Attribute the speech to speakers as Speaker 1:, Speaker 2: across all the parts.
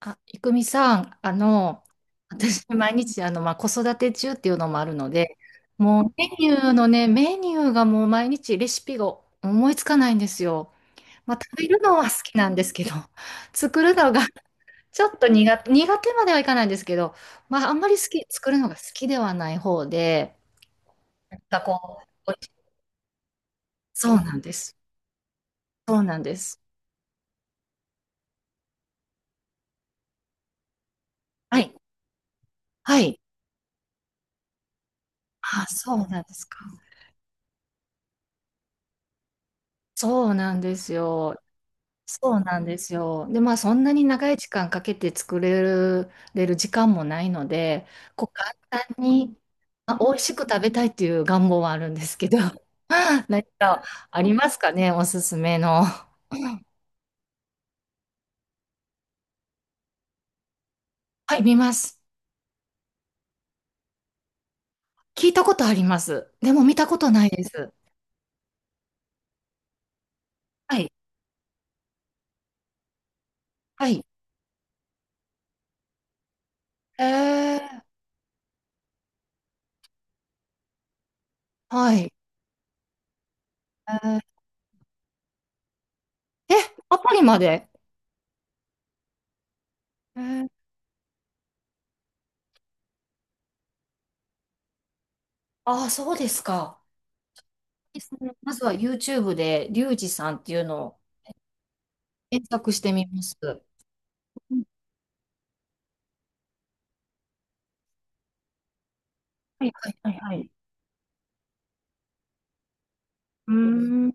Speaker 1: あ、いくみさん、私、毎日、まあ、子育て中っていうのもあるので、もう、メニューがもう毎日レシピが思いつかないんですよ。まあ、食べるのは好きなんですけど、作るのが ちょっと苦手、苦手まではいかないんですけど、まあ、あんまり好き、作るのが好きではない方で、なんかこう、そうなんです。そうなんです。はい。はい。あ、そうなんですか。そうなんですよ。そうなんですよ。で、まあそんなに長い時間かけて作れる時間もないので、こう簡単に、まあ、美味しく食べたいっていう願望はあるんですけど、何かありますかね、おすすめの。はい、見ます。聞いたことあります。でも見たことないです。はい。はい。えー、はい。えー、え、アプリまで。えー、ああ、そうですか。ですね。まずは YouTube で、リュウジさんっていうのを検索してみます。うん、はいはい。はいはい。うーん。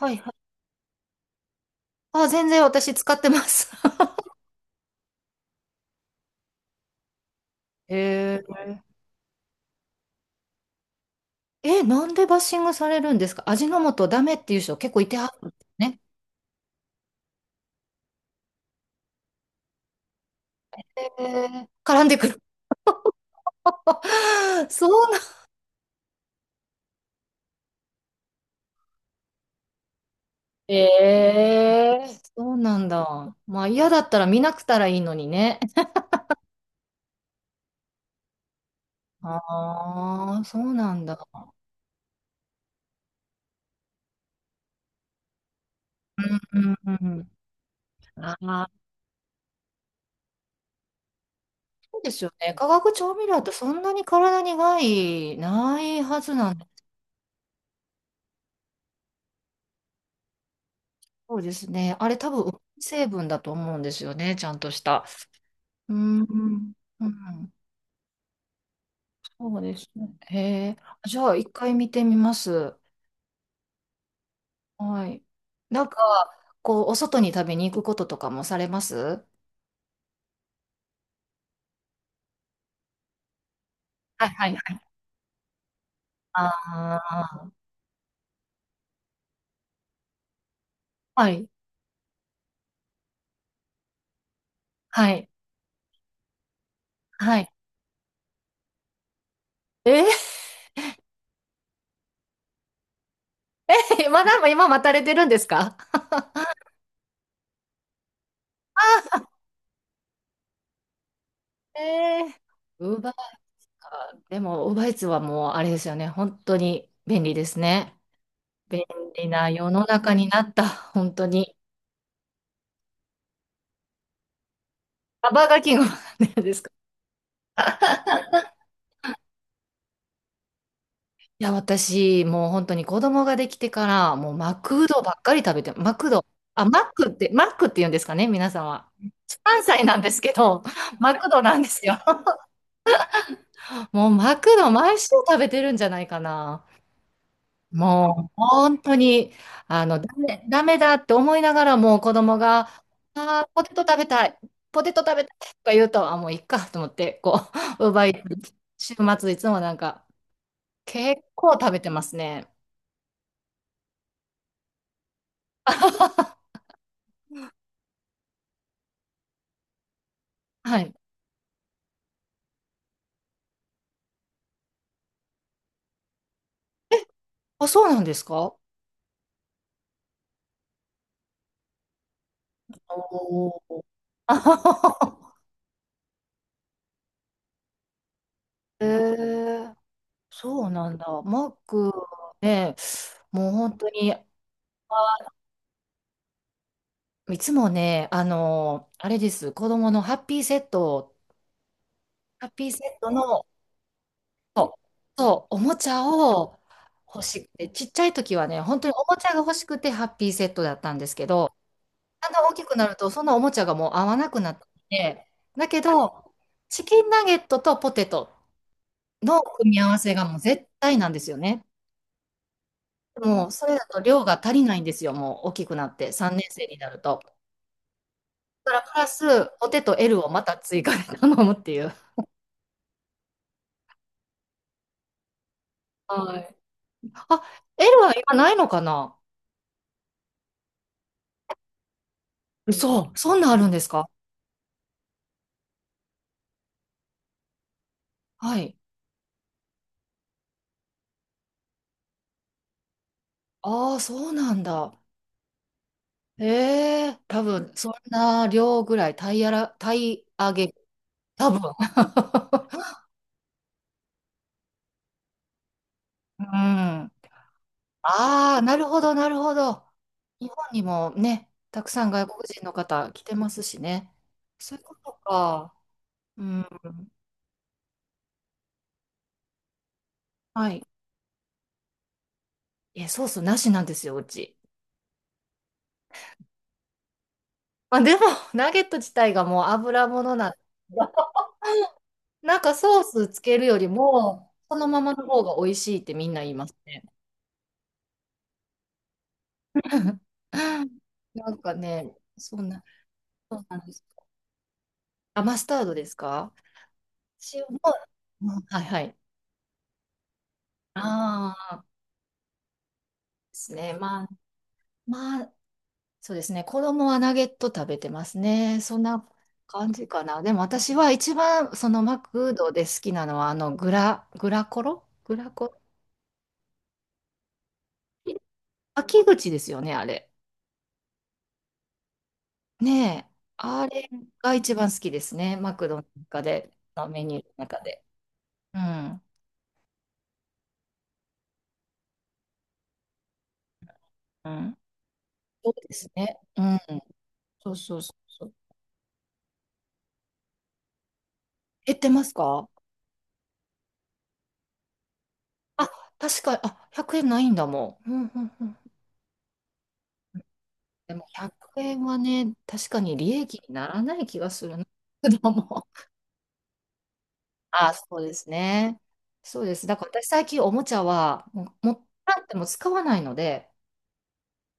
Speaker 1: はいはい。あ、全然私使ってます。へえー。え、なんでバッシングされるんですか？味の素ダメっていう人結構いてはるんですね。え絡んでくる。そうなん。ええ。そうなんだ。まあ嫌だったら見なくたらいいのにね。ああ、そうなんだ。うんうん。ああ、そうですよね。化学調味料ってそんなに体に害ないはずなんで。そうですね。あれ多分、成分だと思うんですよね。ちゃんとした。うーん。うん。そうですね。へえ。じゃあ、一回見てみます。はい。なんか、こう、お外に食べに行くこととかもされますはいはいはい。ああ。はい。はい。はい。えー、まだ今待たれてるんですか？ えー、ウーバー、でも、ウーバーイーツはもう、あれですよね。本当に便利ですね。便利な世の中になった、本当に。あ、バーガーキングなんですか？ いや、私、もう本当に子供ができてから、もうマクドばっかり食べて、マクド。あ、マックって、マックって言うんですかね、皆さんは。関西なんですけど、マクドなんですよ。もうマクド毎週食べてるんじゃないかな。もう本当に、ダメだって思いながらも子供が、あーポテト食べたい、ポテト食べたいとか言うと、あ、もういっかと思って、こう、週末いつもなんか、結構食べてますね。はい。あ、そうなんですか？おー。 えーそうなんだ。マックね、もう本当に、いつもね、あれです、子供のハッピーセットを、ハッピーセットの、そう、おもちゃを欲しくて、ちっちゃい時はね、本当におもちゃが欲しくてハッピーセットだったんですけど、だんだん大きくなると、そのおもちゃがもう合わなくなってきて、だけど、チキンナゲットとポテトの組み合わせがもう絶対なんですよね。でも、それだと量が足りないんですよ、もう大きくなって、3年生になると。だから、プラス、ポテト L をまた追加で頼むっていう。はい。あ、L は今ないのかな？そう、そんなんあるんですか？はい。ああ、そうなんだ。ええ多分、そんな量ぐらい、タイ上げ、多分。うん。ああ、なるほど、なるほど。日本にもね、たくさん外国人の方来てますしね。そういうことか。うん。はい。え、ソースなしなんですよ、うち。まあ、でも、ナゲット自体がもう油物なんで。 なんかソースつけるよりも、そのままの方が美味しいってみんな言いますね。なんかね、そんな、そうなんです。あ、マスタードですか？塩も、うんはいはい。ああ、ですね。まあ、まあ、そうですね。子供はナゲット食べてますね。そんな感じかな。でも私は一番、そのマクドで好きなのは、グラコロ、グラコロ、秋口ですよね、あれ。ねえ。あれが一番好きですね。マクドの中で、メニューの中で。うん。うん。そうですね。うん。そうそうそうそう。減ってますか？あ、確かに、あ、100円ないんだもん。うんうんうん。でも100円はね、確かに利益にならない気がするな。ども。あ、そうですね。そうです。だから私最近おもちゃは、もう、もったっても使わないので、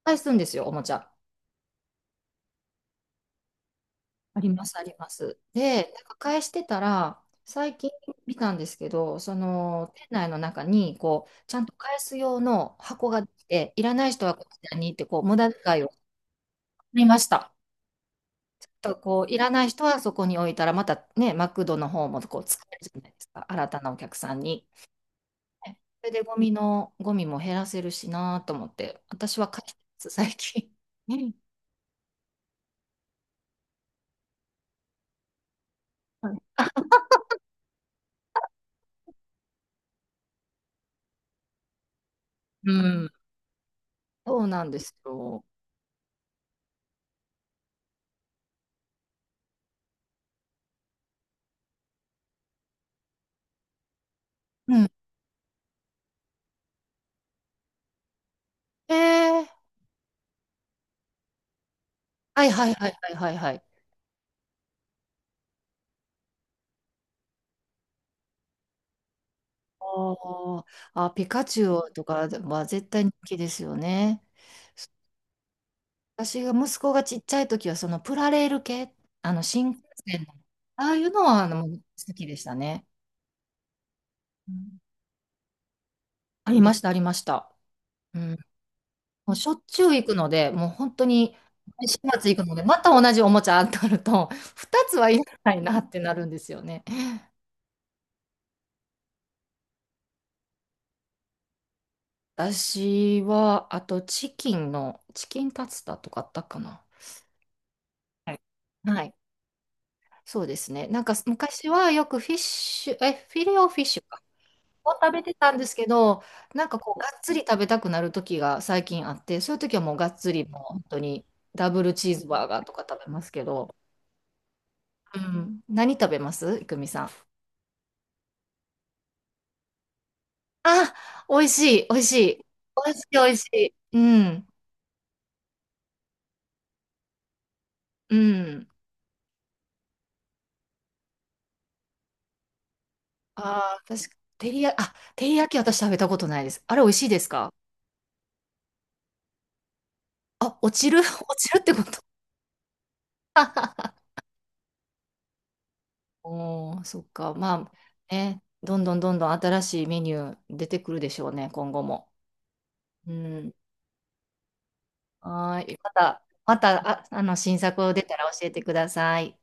Speaker 1: 返すんですよ、おもちゃ。あります、あります。で、なんか返してたら、最近見たんですけど、その、店内の中に、こう、ちゃんと返す用の箱ができて、いらない人はこちらにって、こう、無駄遣いを。ありました。とこういらない人はそこに置いたら、またね、マクドの方もこう使えるじゃないですか、新たなお客さんに。ね、それでゴミも減らせるしなと思って、私は返してます最近。うんうんそうなんですよ。うん、えー、はいはいはいはいはいはい。あー。あ、ピカチュウとかは絶対人気ですよね。私が息子がちっちゃい時は、そのプラレール系、あの新幹線の、ああいうのは好きでしたね。うん、ありました、ありました。うん、もうしょっちゅう行くので、もう本当に毎週末行くので、また同じおもちゃ当たると、2つはいらないなってなるんですよね。私は、あとチキンタツタとかあったかな。はい。はい、そうですね。なんか昔はよくフィレオフィッシュか。を食べてたんですけど、なんかこう、がっつり食べたくなる時が最近あって、そういう時はもうがっつり、もう本当にダブルチーズバーガーとか食べますけど、うん、何食べますいくみさん？あ、美味しい、美味しい。美味しい、美味しい。うん、うん。ああ、確か、照り焼き私食べたことないです。あれ美味しいですか？あ、落ちる。 落ちるってこと？ おー、そっか。まあ、ね、どんどんどんどん新しいメニュー出てくるでしょうね、今後も。うん。はーい。また、また、新作を出たら教えてください。